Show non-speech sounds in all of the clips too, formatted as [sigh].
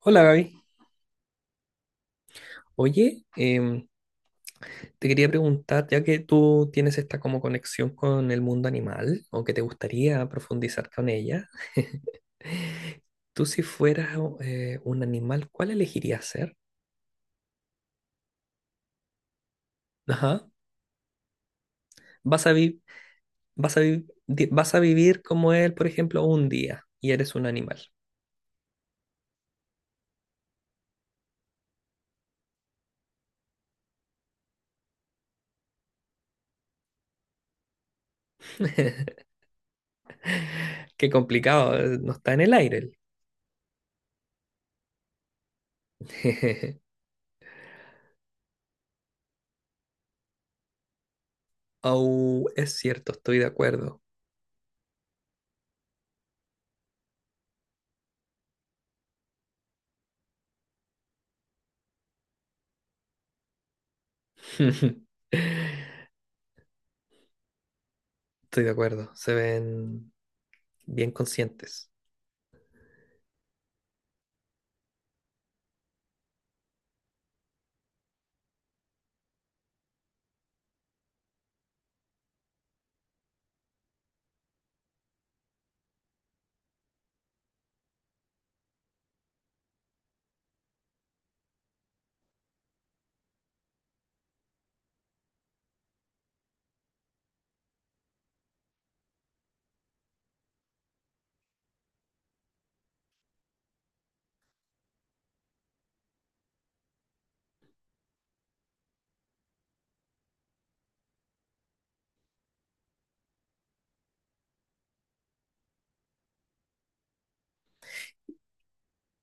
Hola Gaby. Oye, te quería preguntar, ya que tú tienes esta como conexión con el mundo animal o que te gustaría profundizar con ella, tú si fueras un animal, ¿cuál elegirías ser? Ajá. Vas a vi- Vas a vivir como él, por ejemplo, un día y eres un animal. [laughs] Qué complicado, no está en el aire. [laughs] Oh, es cierto, estoy de acuerdo. [laughs] Estoy de acuerdo, se ven bien conscientes.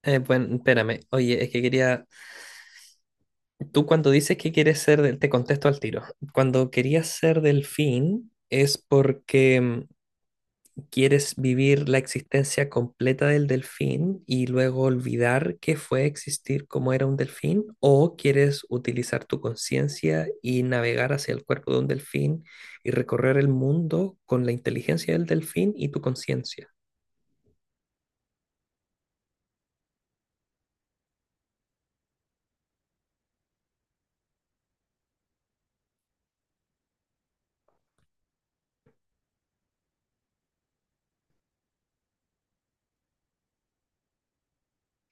Bueno, espérame. Oye, es que quería. Tú cuando dices que quieres ser del. Te contesto al tiro. Cuando querías ser delfín, ¿es porque quieres vivir la existencia completa del delfín y luego olvidar que fue existir como era un delfín? ¿O quieres utilizar tu conciencia y navegar hacia el cuerpo de un delfín y recorrer el mundo con la inteligencia del delfín y tu conciencia?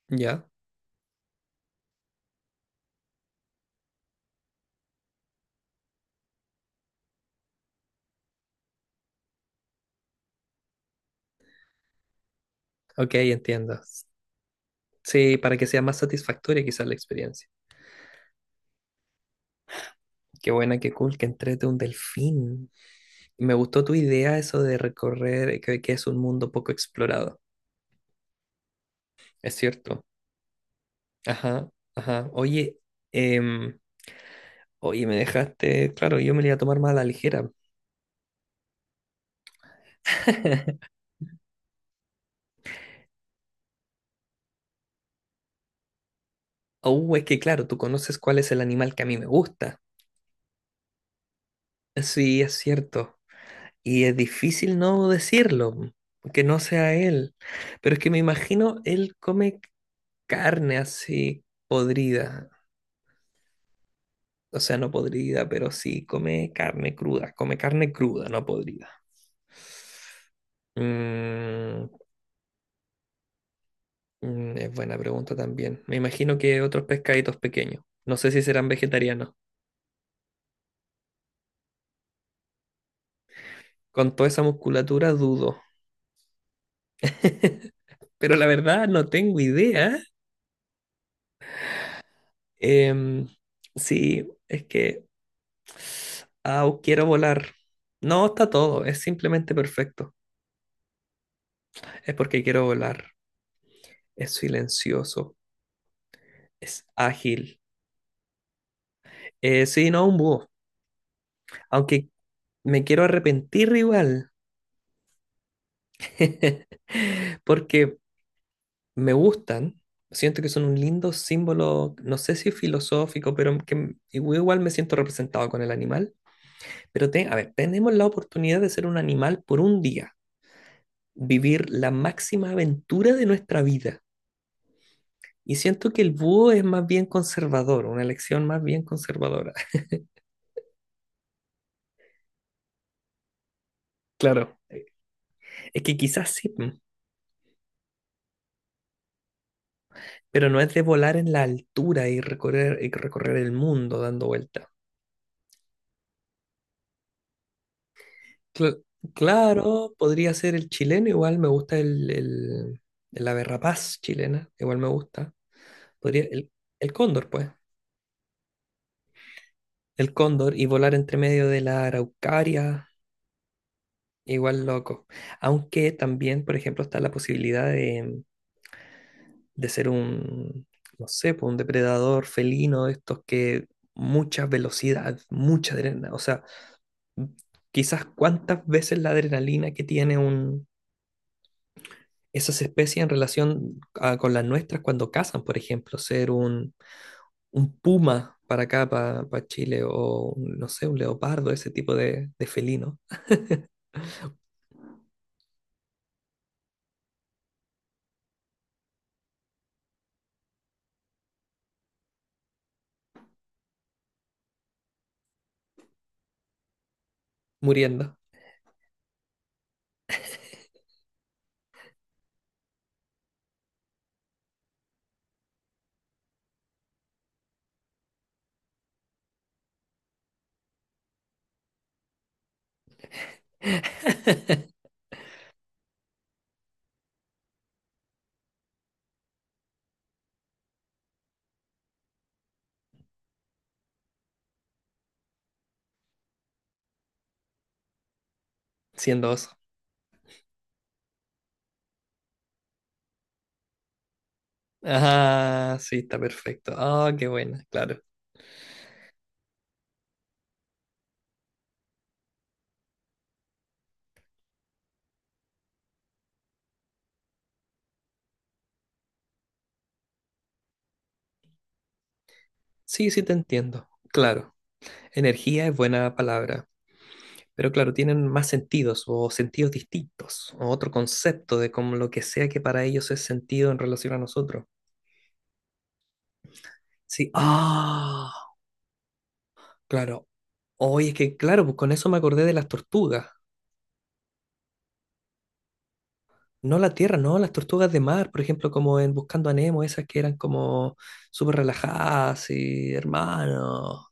¿Ya? Ok, entiendo. Sí, para que sea más satisfactoria quizás la experiencia. Qué buena, qué cool, que entrete un delfín. Me gustó tu idea eso de recorrer, que es un mundo poco explorado. Es cierto. Ajá, ajá. Oye, em, oye, me dejaste, claro, yo me lo iba a tomar más a la ligera. [laughs] Oh, es que claro, tú conoces cuál es el animal que a mí me gusta. Sí, es cierto. Y es difícil no decirlo, que no sea él. Pero es que me imagino, él come carne así podrida. O sea, no podrida, pero sí come carne cruda. Come carne cruda, no podrida. Mm, mm, es buena pregunta también. Me imagino que otros pescaditos pequeños. No sé si serán vegetarianos. Con toda esa musculatura dudo. [laughs] Pero la verdad no tengo idea. Em, sí, es que... Au, quiero volar. No, está todo. Es simplemente perfecto. Es porque quiero volar. Es silencioso. Es ágil. Sí, no, un búho. Aunque me quiero arrepentir igual, [laughs] porque me gustan, siento que son un lindo símbolo, no sé si filosófico, pero igual me siento representado con el animal. Pero a ver, tenemos la oportunidad de ser un animal por un día, vivir la máxima aventura de nuestra vida. Y siento que el búho es más bien conservador, una elección más bien conservadora. [laughs] Claro. Es que quizás sí, mm, pero no es de volar en la altura y recorrer el mundo dando vueltas. Cl- claro, podría ser el chileno, igual me gusta la berrapaz chilena, igual me gusta. Podría, el cóndor, pues. El cóndor y volar entre medio de la araucaria, igual loco. Aunque también, por ejemplo, está la posibilidad de ser un, no sé, pues, un depredador felino, de estos que mucha velocidad, mucha adrenalina, o sea, quizás cuántas veces la adrenalina que tiene un esas especies en relación con las nuestras cuando cazan, por ejemplo, ser un puma para acá, para Chile, o un, no sé, un leopardo, ese tipo de felino. Muriendo, [laughs] siendo oso. Ah, sí, está perfecto. Ah, qué buena, claro. Sí, sí, te entiendo, claro. Energía es buena palabra. Pero claro, tienen más sentidos o sentidos distintos o otro concepto de como lo que sea que para ellos es sentido en relación a nosotros. Sí, ah, claro. Oye, es que claro, pues con eso me acordé de las tortugas. No la tierra, no, las tortugas de mar, por ejemplo, como en Buscando a Nemo, esas que eran como súper relajadas y hermano.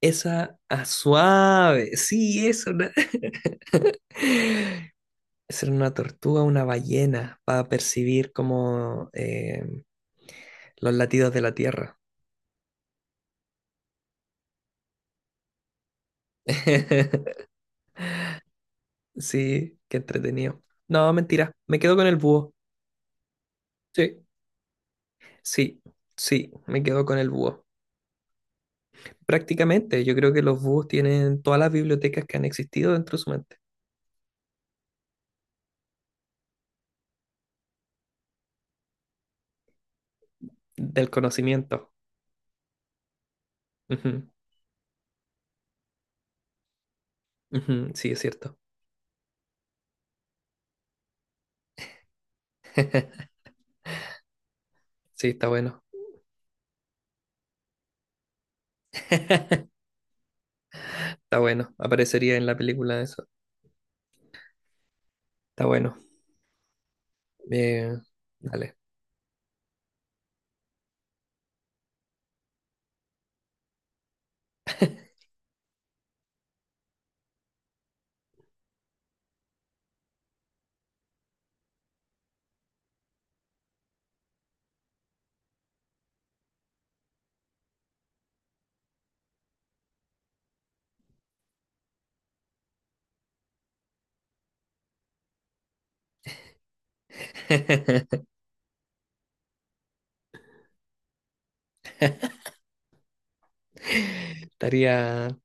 Esa ah, suave, sí, eso. [laughs] Esa era una tortuga, una ballena, para percibir como los latidos de la tierra. [laughs] Sí, qué entretenido. No, mentira. Me quedo con el búho. Sí. Sí, sí, me quedo con el búho. Prácticamente, yo creo que los búhos tienen todas las bibliotecas que han existido dentro de su mente, del conocimiento. Ujú, ujú, sí, es cierto. Sí, está bueno. [laughs] Está bueno. Aparecería en la película eso. Está bueno. Eh, dale. [laughs] Estaría,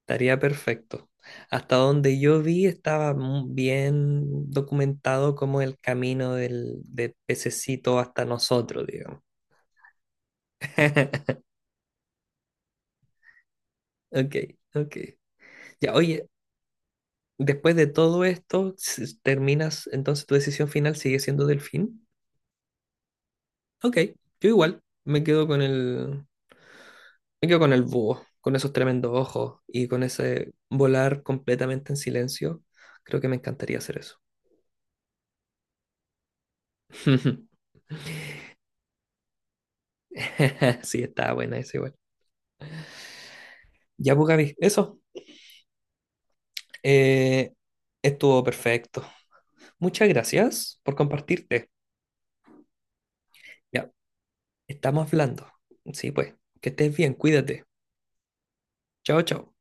estaría perfecto. Hasta donde yo vi estaba bien documentado como el camino del pececito hasta nosotros, digamos. [laughs] Ok, ok. Ya, oye, después de todo esto, terminas, entonces tu decisión final sigue siendo delfín. Ok, yo igual me quedo con me quedo con el búho, con esos tremendos ojos y con ese volar completamente en silencio. Creo que me encantaría hacer eso. [laughs] Sí, está buena esa igual. Ya, pues, Gaby, eso. Eh, estuvo perfecto. Muchas gracias por compartirte. Ya, estamos hablando. Sí, pues, que estés bien, cuídate. Chao, chao.